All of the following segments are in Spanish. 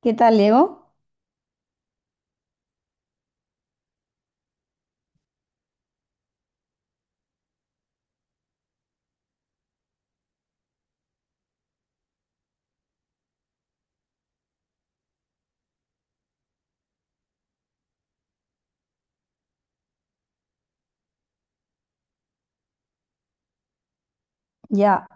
¿Qué tal, Diego? Ya,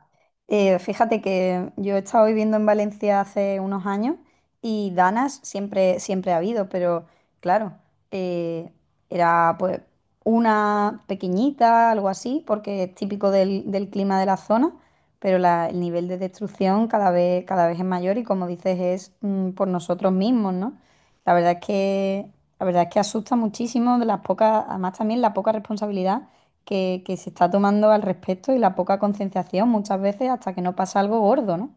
fíjate que yo he estado viviendo en Valencia hace unos años y danas siempre ha habido, pero claro, eh, era pues una pequeñita, algo así, porque es típico del clima de la zona, pero el nivel de destrucción cada vez es mayor y como dices, es por nosotros mismos, ¿no? La verdad es que, la verdad es que asusta muchísimo de las pocas, además también la poca responsabilidad que se está tomando al respecto y la poca concienciación muchas veces hasta que no pasa algo gordo, ¿no?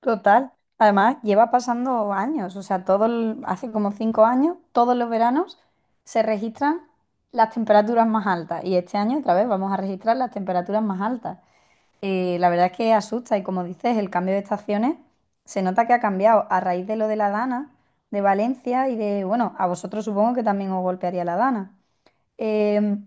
Total. Además, lleva pasando años, o sea, hace como 5 años, todos los veranos se registran las temperaturas más altas y este año otra vez vamos a registrar las temperaturas más altas. La verdad es que asusta y como dices, el cambio de estaciones se nota que ha cambiado a raíz de lo de la Dana, de Valencia y de, bueno, a vosotros supongo que también os golpearía la Dana. Em,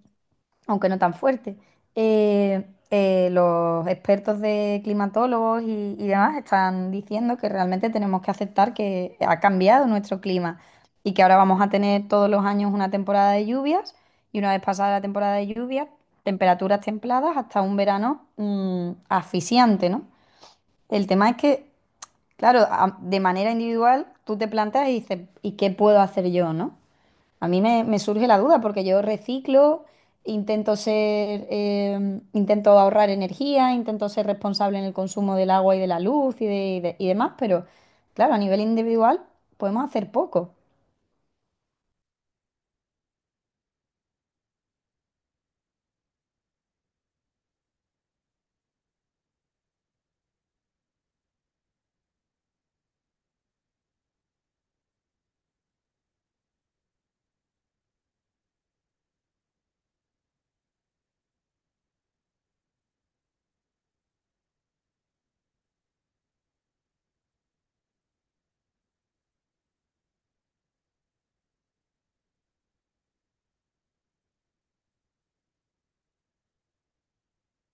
aunque no tan fuerte. Los expertos de climatólogos y demás están diciendo que realmente tenemos que aceptar que ha cambiado nuestro clima y que ahora vamos a tener todos los años una temporada de lluvias y una vez pasada la temporada de lluvias, temperaturas templadas hasta un verano asfixiante, ¿no? El tema es que, claro, de manera individual tú te planteas y dices, ¿y qué puedo hacer yo, no? A mí me surge la duda porque yo reciclo, intento ser, intento ahorrar energía, intento ser responsable en el consumo del agua y de la luz y demás, pero claro, a nivel individual podemos hacer poco.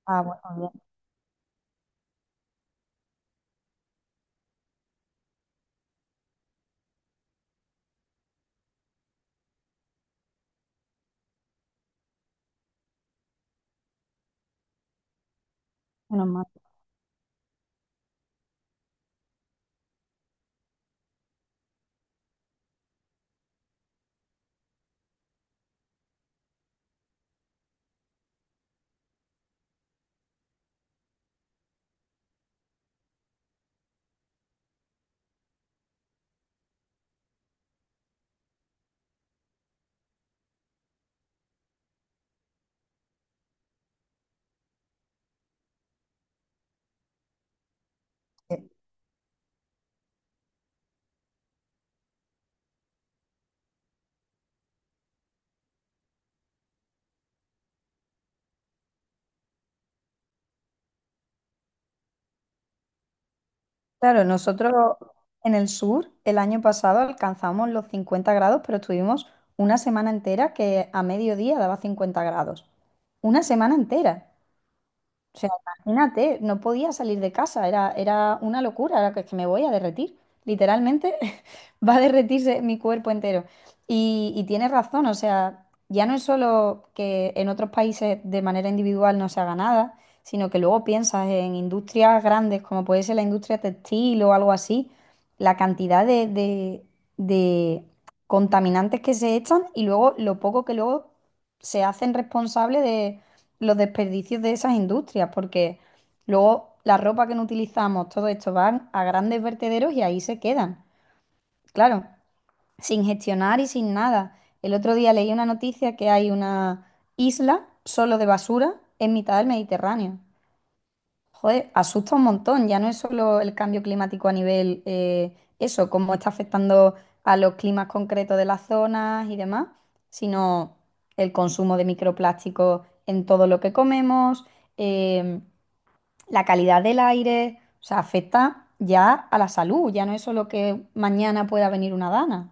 Ah, bueno, bien, menos mal. Porque claro, nosotros en el sur el año pasado alcanzamos los 50 grados, pero estuvimos una semana entera que a mediodía daba 50 grados. Una semana entera. O sea, imagínate, no podía salir de casa, era, era una locura, era que me voy a derretir, literalmente va a derretirse mi cuerpo entero. Y tienes razón, o sea, ya no es solo que en otros países de manera individual no se haga nada, sino que luego piensas en industrias grandes como puede ser la industria textil o algo así, la cantidad de contaminantes que se echan y luego lo poco que luego se hacen responsables los desperdicios de esas industrias, porque luego la ropa que no utilizamos, todo esto van a grandes vertederos y ahí se quedan. Claro, sin gestionar y sin nada. El otro día leí una noticia que hay una isla solo de basura en mitad del Mediterráneo. Joder, asusta un montón. Ya no es solo el cambio climático a nivel eso, cómo está afectando a los climas concretos de las zonas y demás, sino el consumo de microplásticos en todo lo que comemos, eh, la calidad del aire, o sea, afecta ya a la salud. Ya no es solo que mañana pueda venir una dana.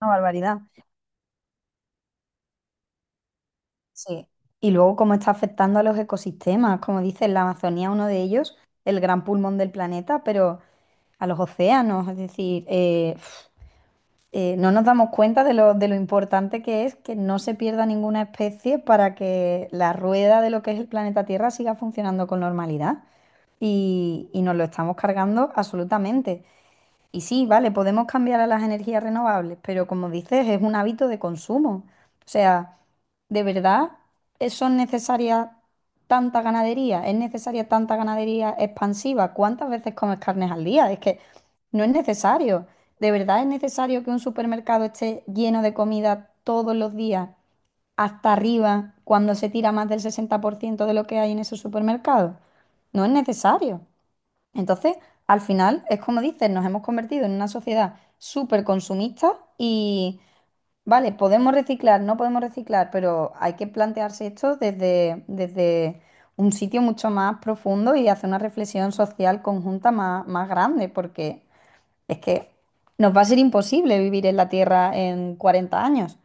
Una barbaridad. Sí, y luego cómo está afectando a los ecosistemas, como dice la Amazonía, uno de ellos, el gran pulmón del planeta, pero a los océanos, es decir, no nos damos cuenta de lo importante que es que no se pierda ninguna especie para que la rueda de lo que es el planeta Tierra siga funcionando con normalidad. Y nos lo estamos cargando absolutamente. Y sí, vale, podemos cambiar a las energías renovables, pero como dices, es un hábito de consumo. O sea, ¿de verdad son necesarias tanta ganadería? ¿Es necesaria tanta ganadería expansiva? ¿Cuántas veces comes carnes al día? Es que no es necesario. ¿De verdad es necesario que un supermercado esté lleno de comida todos los días, hasta arriba, cuando se tira más del 60% de lo que hay en ese supermercado? No es necesario. Entonces, al final, es como dices, nos hemos convertido en una sociedad súper consumista y, vale, podemos reciclar, no podemos reciclar, pero hay que plantearse esto desde un sitio mucho más profundo y hacer una reflexión social conjunta más grande, porque es que nos va a ser imposible vivir en la Tierra en 40 años.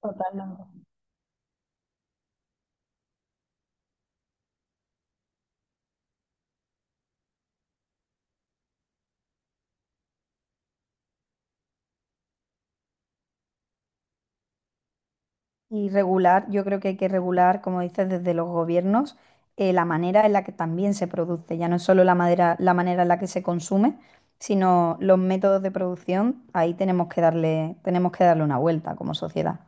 Totalmente. Y regular, yo creo que hay que regular, como dices, desde los gobiernos, la manera en la que también se produce. Ya no es solo la madera, la manera en la que se consume, sino los métodos de producción. Ahí tenemos que darle una vuelta como sociedad.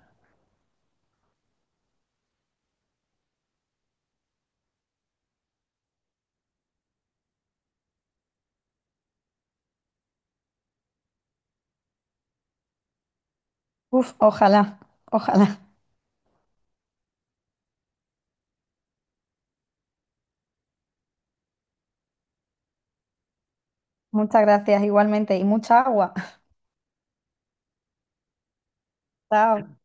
Uf, ojalá, ojalá. Muchas gracias igualmente y mucha agua. Chao.